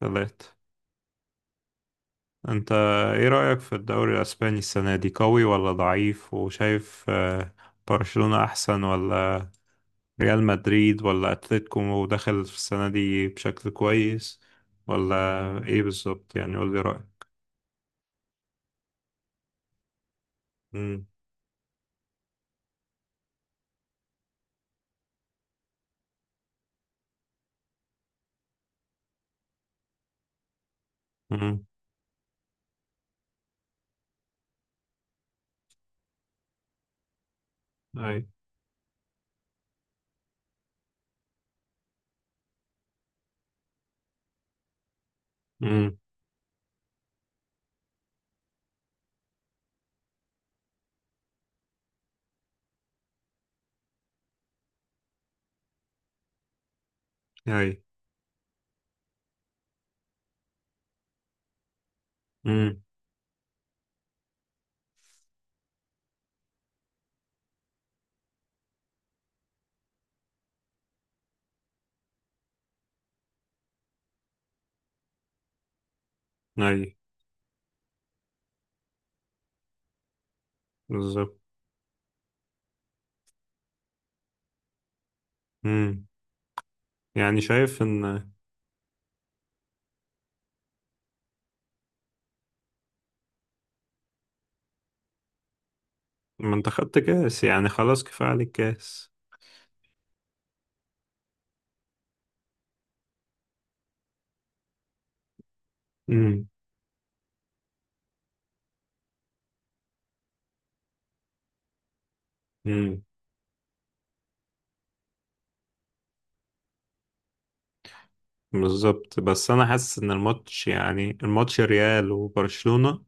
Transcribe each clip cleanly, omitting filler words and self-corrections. ثلاثة. انت ايه رأيك في الدوري الاسباني السنة دي، قوي ولا ضعيف؟ وشايف برشلونة احسن ولا ريال مدريد ولا اتلتيكو داخل في السنة دي بشكل كويس، ولا ايه بالظبط؟ يعني قول لي رأيك. امم. امم اي. امم. اي. امم اي. بالظبط. امم يعني شايف ان... ما انت خدت كاس، يعني خلاص كفاية عليك كاس. امم بالظبط. بس انا حاسس ان الماتش، يعني الماتش ريال وبرشلونة،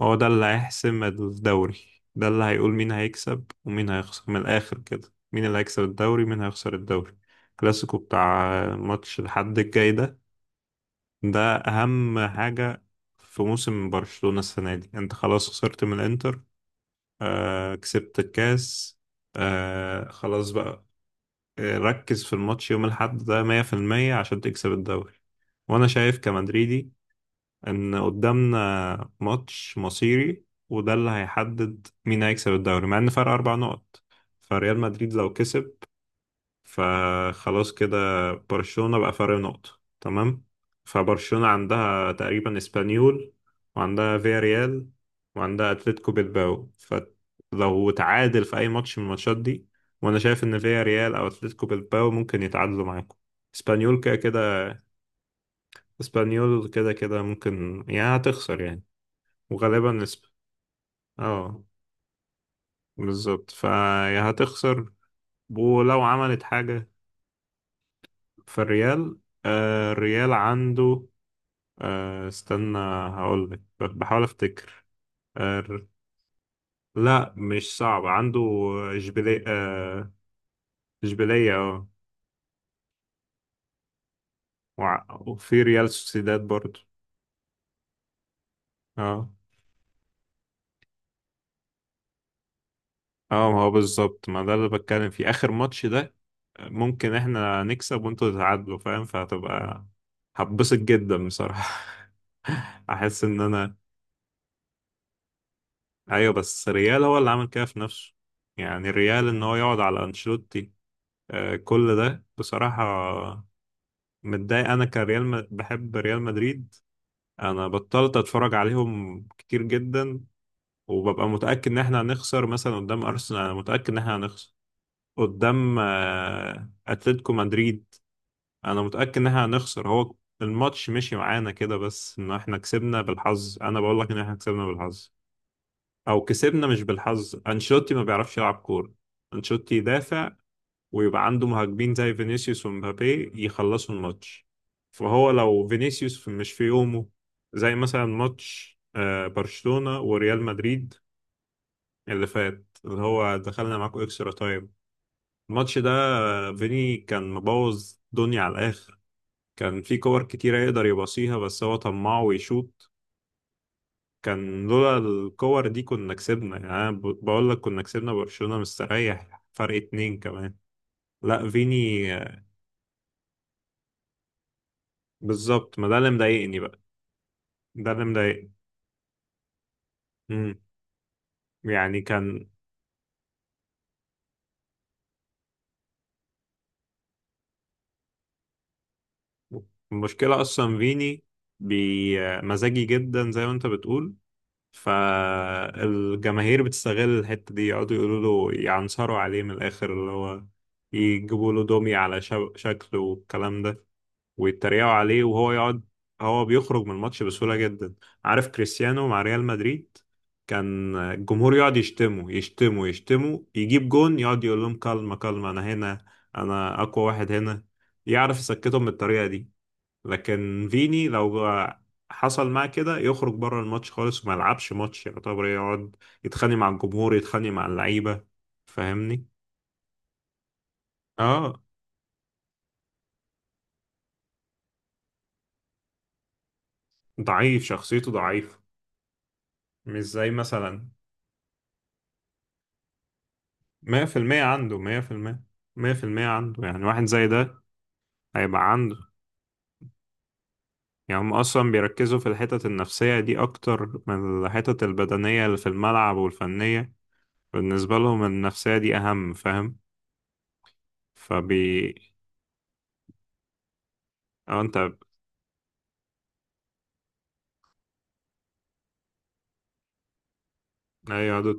هو ده اللي هيحسم الدوري. ده اللي هيقول مين هيكسب ومين هيخسر. من الاخر كده، مين اللي هيكسب الدوري، مين هيخسر الدوري؟ الكلاسيكو بتاع ماتش الحد الجاي ده، ده اهم حاجة في موسم برشلونة السنة دي. انت خلاص خسرت من الانتر، آه كسبت الكاس، آه خلاص بقى. ركز في الماتش يوم الأحد ده 100% عشان تكسب الدوري. وانا شايف كمدريدي ان قدامنا ماتش مصيري، وده اللي هيحدد مين هيكسب الدوري، مع ان فرق 4 نقط. فريال مدريد لو كسب، فخلاص كده، برشلونة بقى فرق نقطة. تمام، فبرشلونة عندها تقريبا اسبانيول، وعندها فياريال، وعندها اتلتيكو بيلباو. فلو تعادل في اي ماتش من الماتشات دي، وانا شايف ان فياريال او اتلتيكو بيلباو ممكن يتعادلوا معاكم. اسبانيول كده كده، ممكن يعني هتخسر يعني، وغالبا نسبة... اه بالظبط. فيا هتخسر ولو عملت حاجة. فالريال، الريال عنده، استنى، هقولك، بحاول افتكر. آه ر- لا مش صعب عنده. اشبيلية آه، اشبيلية اه، وفي ريال سوسيداد برضو. اه اه، ما هو بالظبط، ما ده اللي بتكلم فيه، اخر ماتش ده، ممكن احنا نكسب وانتوا تتعادلوا، فاهم؟ فهتبقى هتبسط جدا بصراحة. احس ان انا... ايوه، بس ريال هو اللي عمل كده في نفسه. يعني ريال ان هو يقعد على انشيلوتي، كل ده بصراحة. متضايق انا كريال بحب ريال مدريد. انا بطلت اتفرج عليهم كتير جدا، وببقى متأكد ان احنا هنخسر مثلا قدام ارسنال. انا متأكد ان احنا هنخسر قدام اتلتيكو مدريد. انا متأكد ان احنا هنخسر. هو الماتش مشي معانا كده، بس ان احنا كسبنا بالحظ. انا بقول لك ان احنا كسبنا بالحظ، او كسبنا مش بالحظ. انشيلوتي ما بيعرفش يلعب كورة. انشيلوتي يدافع، ويبقى عنده مهاجمين زي فينيسيوس ومبابي يخلصوا الماتش. فهو لو فينيسيوس مش في يومه، زي مثلا ماتش برشلونة وريال مدريد اللي فات، اللي هو دخلنا معاكم اكسترا تايم، الماتش ده، فيني كان مبوظ دنيا على الاخر. كان في كور كتيرة يقدر يباصيها، بس هو طماع ويشوط. كان لولا الكور دي كنا كسبنا. يعني أنا بقول لك كنا كسبنا برشلونة مستريح فرق اتنين كمان. لا فيني بالظبط. ما ده اللي مضايقني بقى، ده اللي مضايقني. مم. يعني كان المشكلة أصلا فيني بمزاجي جدا زي ما أنت بتقول. فالجماهير بتستغل الحتة دي، يقعدوا يقولوا له، يعنصروا عليه من الآخر، اللي هو يجيبوا له دومي على شكله والكلام ده، ويتريقوا عليه وهو يقعد. هو بيخرج من الماتش بسهولة جدا. عارف كريستيانو مع ريال مدريد، كان الجمهور يقعد يشتمه يشتمه يشتمه، يجيب جون، يقعد يقول لهم كلمة كلمة، أنا هنا، أنا أقوى واحد هنا. يعرف يسكتهم بالطريقة دي. لكن فيني لو حصل معاه كده يخرج بره الماتش خالص وما يلعبش ماتش. يعتبر يقعد يتخانق مع الجمهور، يتخانق مع اللعيبة. فاهمني؟ اه، ضعيف، شخصيته ضعيفة. مش زي مثلا، مية في المية عنده، مية في المية، عنده يعني واحد زي ده هيبقى عنده. يعني هم أصلا بيركزوا في الحتت النفسية دي أكتر من الحتت البدنية اللي في الملعب والفنية. بالنسبة لهم النفسية دي أهم، فاهم؟ فبي أو أنت. أيوة،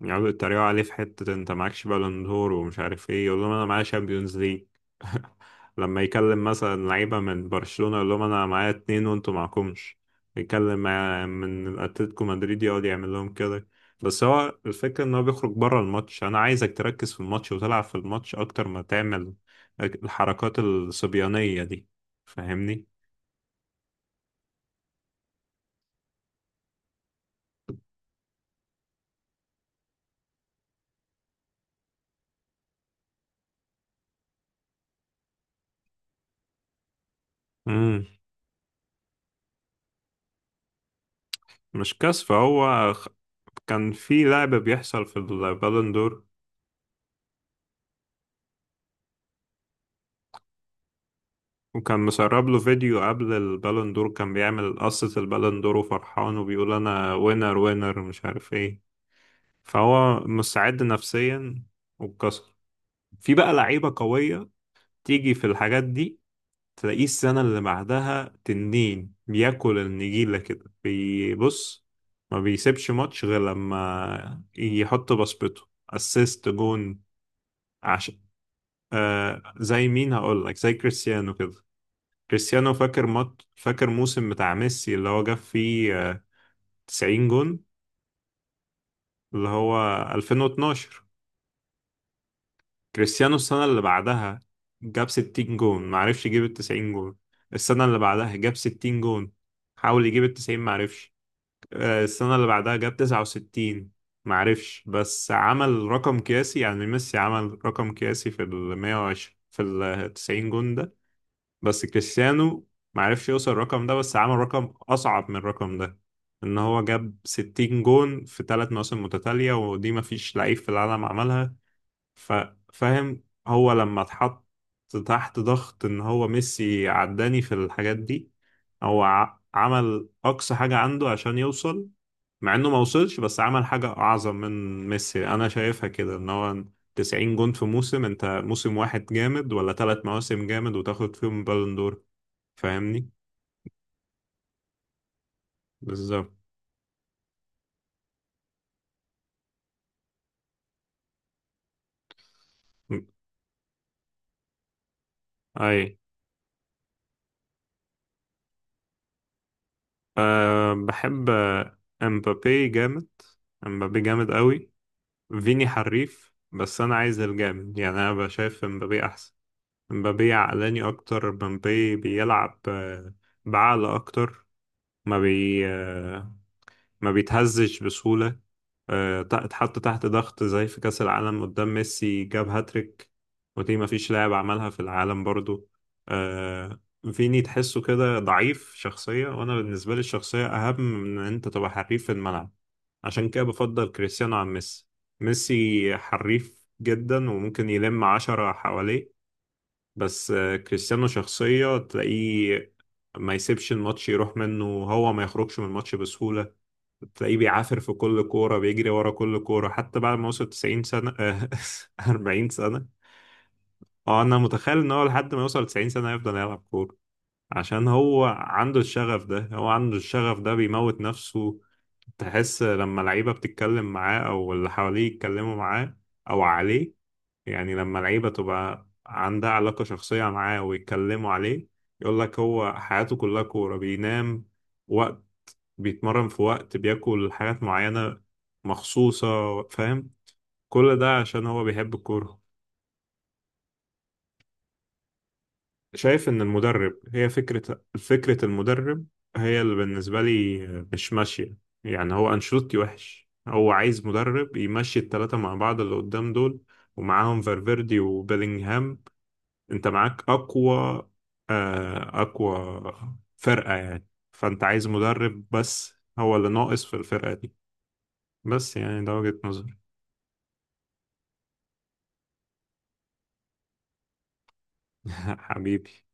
يقعدوا يتريقوا عليه في حتة انت معكش بالون دور ومش عارف ايه، يقول لهم انا معايا شامبيونز ليج. لما يكلم مثلا لعيبة من برشلونة يقول لهم انا معايا اتنين وانتوا معكمش. يكلم من اتلتيكو مدريد، يقعد يعمل لهم كده. بس هو الفكرة ان هو بيخرج بره الماتش. انا عايزك تركز في الماتش وتلعب في الماتش اكتر ما تعمل الحركات الصبيانية دي. فاهمني؟ امم. مش كسف، هو كان في لعب بيحصل في البالون دور. وكان مسرب له فيديو قبل البالون دور، كان بيعمل قصة البالون دور وفرحان، وبيقول أنا وينر وينر مش عارف إيه. فهو مستعد نفسيا، واتكسر. في بقى لعيبة قوية تيجي في الحاجات دي، تلاقيه السنة اللي بعدها تنين، بياكل النجيلة كده بيبص. ما بيسيبش ماتش غير لما يحط بصمته، اسيست جون. عشان... زي مين؟ هقول لك زي كريستيانو كده. كريستيانو فاكر فاكر موسم بتاع ميسي اللي هو جاب فيه 90 جون، اللي هو 2012. كريستيانو السنة اللي بعدها جاب 60 جون، معرفش يجيب ال 90 جون. السنة اللي بعدها جاب 60 جون، حاول يجيب ال 90، معرفش. السنة اللي بعدها جاب 69، معرفش. بس عمل رقم قياسي. يعني ميسي عمل رقم قياسي في ال 120، في ال 90 جون ده. بس كريستيانو معرفش يوصل الرقم ده، بس عمل رقم أصعب من الرقم ده، إن هو جاب 60 جون في 3 مواسم متتالية، ودي مفيش لعيب في العالم عملها. ف... فاهم، هو لما اتحط تحت ضغط ان هو ميسي عداني في الحاجات دي، هو عمل اقصى حاجة عنده عشان يوصل. مع انه ما وصلش، بس عمل حاجة اعظم من ميسي انا شايفها كده، ان هو 90 جون في موسم، انت موسم واحد جامد ولا 3 مواسم جامد وتاخد فيهم بالون دور؟ فاهمني؟ بالظبط. اي. أه، بحب امبابي جامد، امبابي جامد قوي. فيني حريف، بس انا عايز الجامد. يعني انا بشايف مبابي احسن. مبابي عقلاني اكتر، مبابي بيلعب بعقل اكتر. ما بي آه، ما بيتهزش بسهولة. اتحط تحت ضغط زي في كأس العالم قدام ميسي جاب هاتريك، ودي مفيش لاعب عملها في العالم برضو. آه، فيني تحسه كده ضعيف شخصية. وأنا بالنسبة لي الشخصية أهم من إن أنت تبقى حريف في الملعب. عشان كده بفضل كريستيانو عن ميسي. ميسي حريف جدا وممكن يلم عشرة حواليه، بس كريستيانو شخصية، تلاقيه ما يسيبش الماتش يروح منه، وهو ما يخرجش من الماتش بسهولة. تلاقيه بيعافر في كل كورة، بيجري ورا كل كورة حتى بعد ما وصل 90 سنة، 40 سنة. اه انا متخيل ان هو لحد ما يوصل 90 سنة يفضل يلعب كورة، عشان هو عنده الشغف ده، هو عنده الشغف ده، بيموت نفسه. تحس لما لعيبة بتتكلم معاه او اللي حواليه يتكلموا معاه او عليه، يعني لما لعيبة تبقى عندها علاقة شخصية معاه ويتكلموا عليه، يقول لك هو حياته كلها كورة. بينام، بيتمرن في وقت، بياكل حاجات معينة مخصوصة، فاهم؟ كل ده عشان هو بيحب الكورة. شايف إن المدرب هي فكرة، المدرب هي اللي بالنسبة لي مش ماشية. يعني هو أنشيلوتي وحش، هو عايز مدرب يمشي التلاتة مع بعض اللي قدام دول، ومعاهم فالفيردي وبيلينغهام. أنت معاك أقوى، أقوى فرقة يعني. فأنت عايز مدرب بس، هو اللي ناقص في الفرقة دي. بس يعني ده وجهة نظري. حبيبي.